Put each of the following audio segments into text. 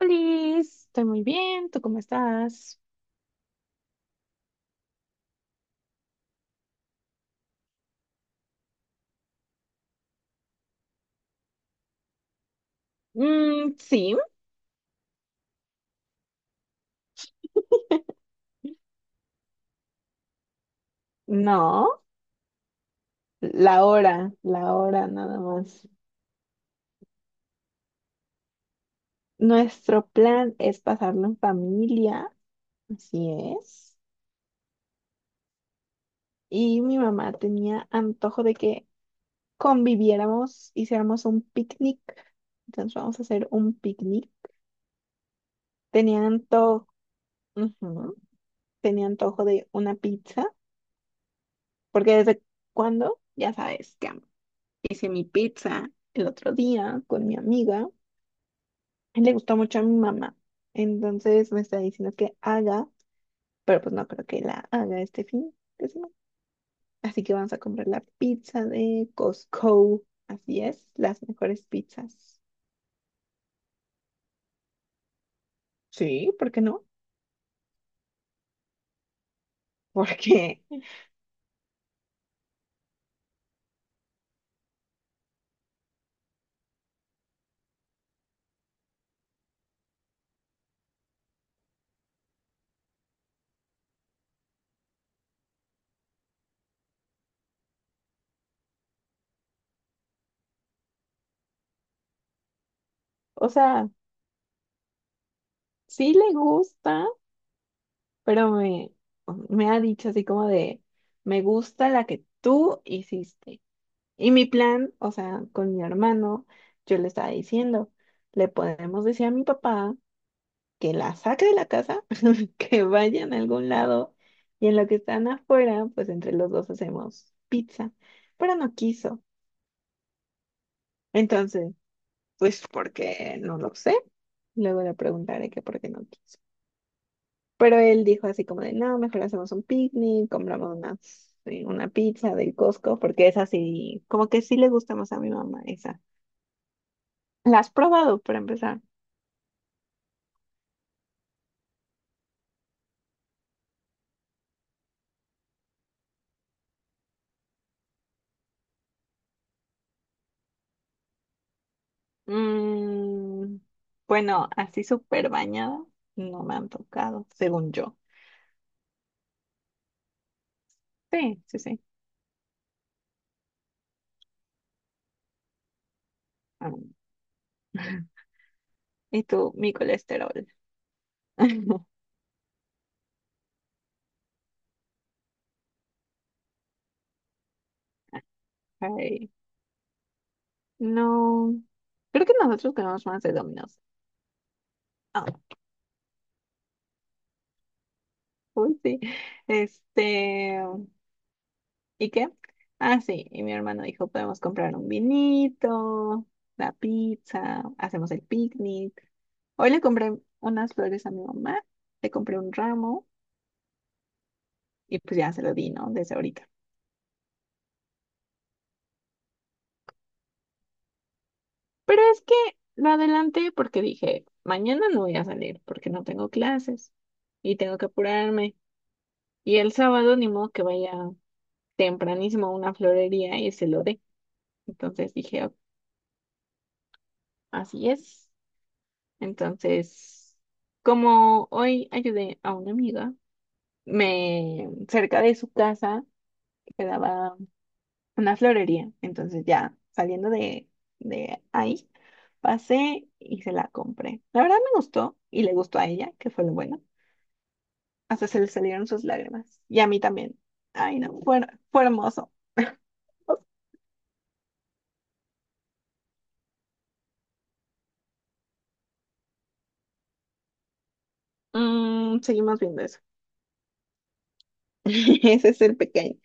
Liz, estoy muy bien, ¿tú cómo estás? Mm, sí. No, la hora nada más. Nuestro plan es pasarlo en familia, así es. Y mi mamá tenía antojo de que conviviéramos, hiciéramos un picnic. Entonces vamos a hacer un picnic. Tenía antojo, ujú, tenía antojo de una pizza, porque desde cuando, ya sabes que hice mi pizza el otro día con mi amiga. Le gustó mucho a mi mamá. Entonces me está diciendo que haga, pero pues no creo que la haga este fin de semana. Así que vamos a comprar la pizza de Costco. Así es, las mejores pizzas. Sí, ¿por qué no? Porque, o sea, sí le gusta, pero me, me ha dicho así como de, me gusta la que tú hiciste. Y mi plan, o sea, con mi hermano, yo le estaba diciendo, le podemos decir a mi papá que la saque de la casa, que vayan a algún lado y en lo que están afuera, pues entre los dos hacemos pizza, pero no quiso. Entonces, pues porque no lo sé, luego le preguntaré que por qué no quiso. Pero él dijo así como de, no, mejor hacemos un picnic, compramos una sí, una pizza del Costco, porque es así, como que sí le gusta más a mi mamá esa. ¿La has probado para empezar? Mm, bueno, así súper bañada, no me han tocado, según yo. Sí, sí, sí. Am. Y tú, mi colesterol. Ay, no. Creo que nosotros comemos más de Domino's. Ah, uy, sí. Este, ¿y qué? Ah, sí. Y mi hermano dijo, podemos comprar un vinito, la pizza, hacemos el picnic. Hoy le compré unas flores a mi mamá, le compré un ramo y pues ya se lo di, ¿no? Desde ahorita. Pero es que lo adelanté porque dije, mañana no voy a salir porque no tengo clases y tengo que apurarme. Y el sábado ni modo que vaya tempranísimo a una florería y se lo dé. Entonces dije, "Ah, así es". Entonces, como hoy ayudé a una amiga, me cerca de su casa quedaba una florería. Entonces ya saliendo de ahí, pasé y se la compré. La verdad me gustó y le gustó a ella, que fue lo bueno. Hasta se le salieron sus lágrimas. Y a mí también. Ay, no, fue hermoso. Mm, seguimos viendo eso. Ese es el pequeño.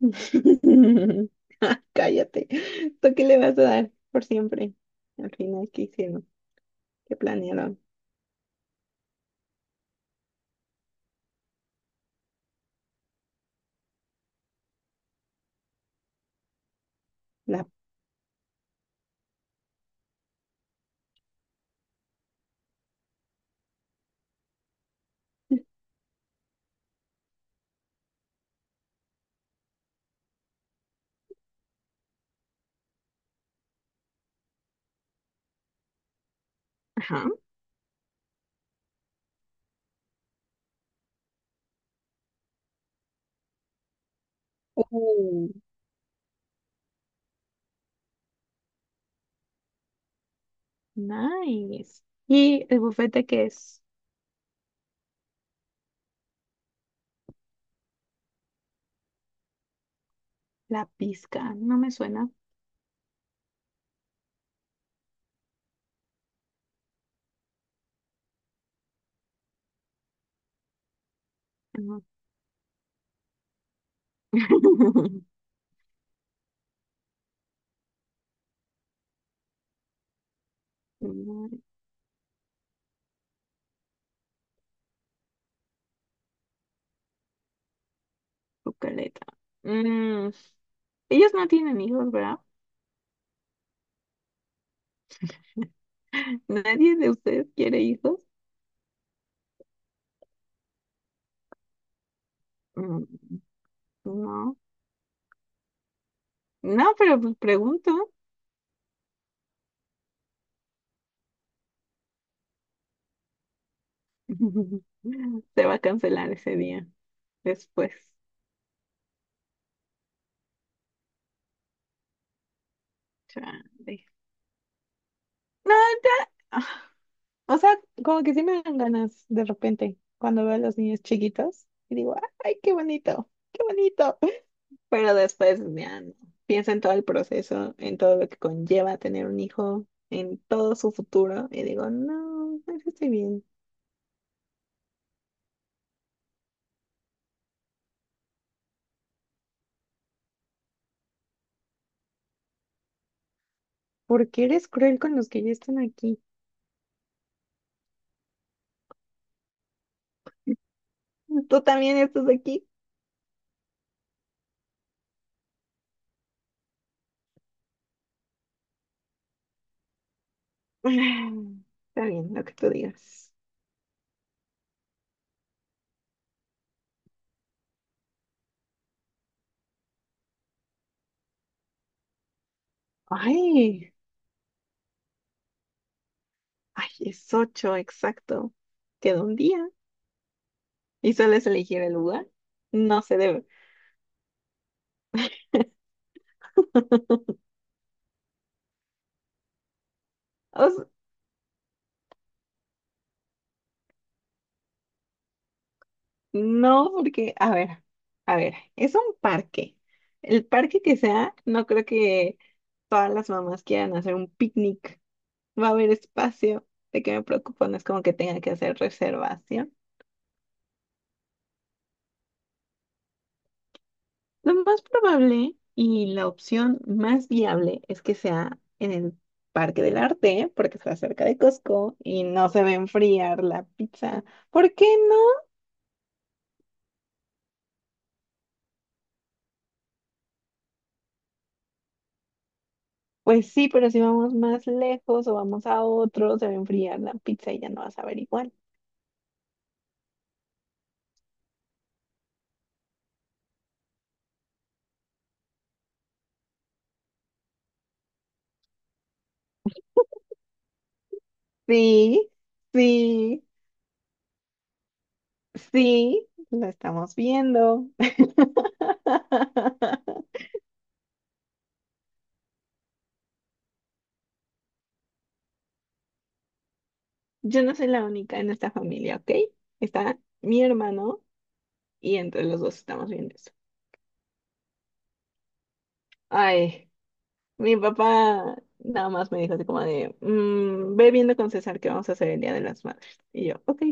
Ah, cállate. ¿Tú qué le vas a dar por siempre? Al final, ¿qué hicieron? ¿Qué planearon? La... Ajá. Uh, nice. ¿Y el bufete que es? La pizca. No me suena. No. Una Bucaleta. Mm, ellos no tienen hijos, ¿verdad? ¿Nadie de ustedes quiere hijos? Mm, no, no, pero pues pregunto. Se va a cancelar ese día después. Chale. No, ya. Ah, o sea, como que sí me dan ganas de repente cuando veo a los niños chiquitos y digo, ay, qué bonito, qué bonito. Pero después, ya no. Pienso en todo el proceso, en todo lo que conlleva tener un hijo, en todo su futuro y digo, no, eso estoy bien. ¿Porque eres cruel con los que ya están aquí? Tú también estás aquí. Está bien, lo que tú digas. Ay, ay, es ocho, exacto. Queda un día. ¿Y sueles elegir el lugar? No se debe. O s- no, porque, a ver, es un parque. El parque que sea, no creo que todas las mamás quieran hacer un picnic. Va a haber espacio. ¿De qué me preocupo? No es como que tenga que hacer reservación. Lo más probable y la opción más viable es que sea en el Parque del Arte, porque está cerca de Costco y no se va a enfriar la pizza. ¿Por qué no? Pues sí, pero si vamos más lejos o vamos a otro, se va a enfriar la pizza y ya no vas a ver igual. Sí, sí, sí, lo estamos viendo. Yo no soy la única en esta familia, ¿ok? Está mi hermano y entre los dos estamos viendo eso. Ay. Mi papá nada más me dijo así como de, "Mm, ve viendo con César que vamos a hacer el Día de las Madres". Y yo, ok,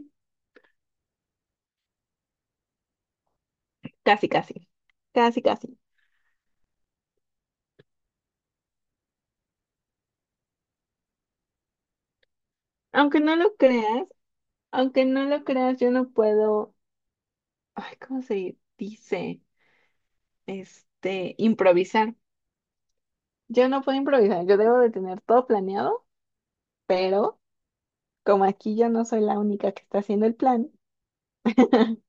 casi, casi, casi, casi. Aunque no lo creas, aunque no lo creas, yo no puedo, ay, ¿cómo se dice? Este, improvisar. Yo no puedo improvisar, yo debo de tener todo planeado, pero como aquí yo no soy la única que está haciendo el plan,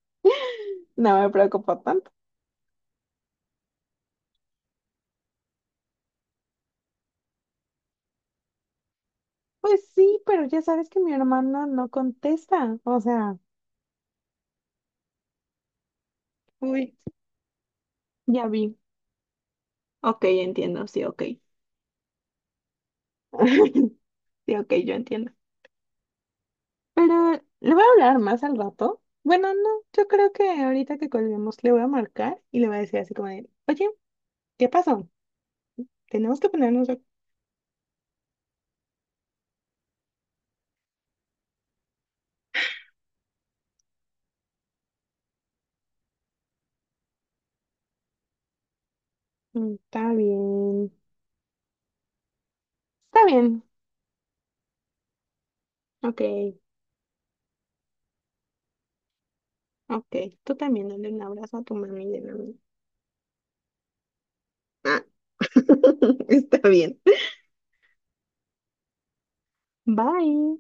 no me preocupo tanto. Pues sí, pero ya sabes que mi hermana no contesta, o sea, uy, ya vi. Ok, entiendo, sí, ok. Sí, ok, yo entiendo. Pero le voy a hablar más al rato. Bueno, no, yo creo que ahorita que colguemos le voy a marcar y le voy a decir así como de, oye, ¿qué pasó? Tenemos que ponernos... "Mm, está bien, está bien". Ok, ok. Tú también dale un abrazo a tu mami de la mía. Ah, está bien. Bye.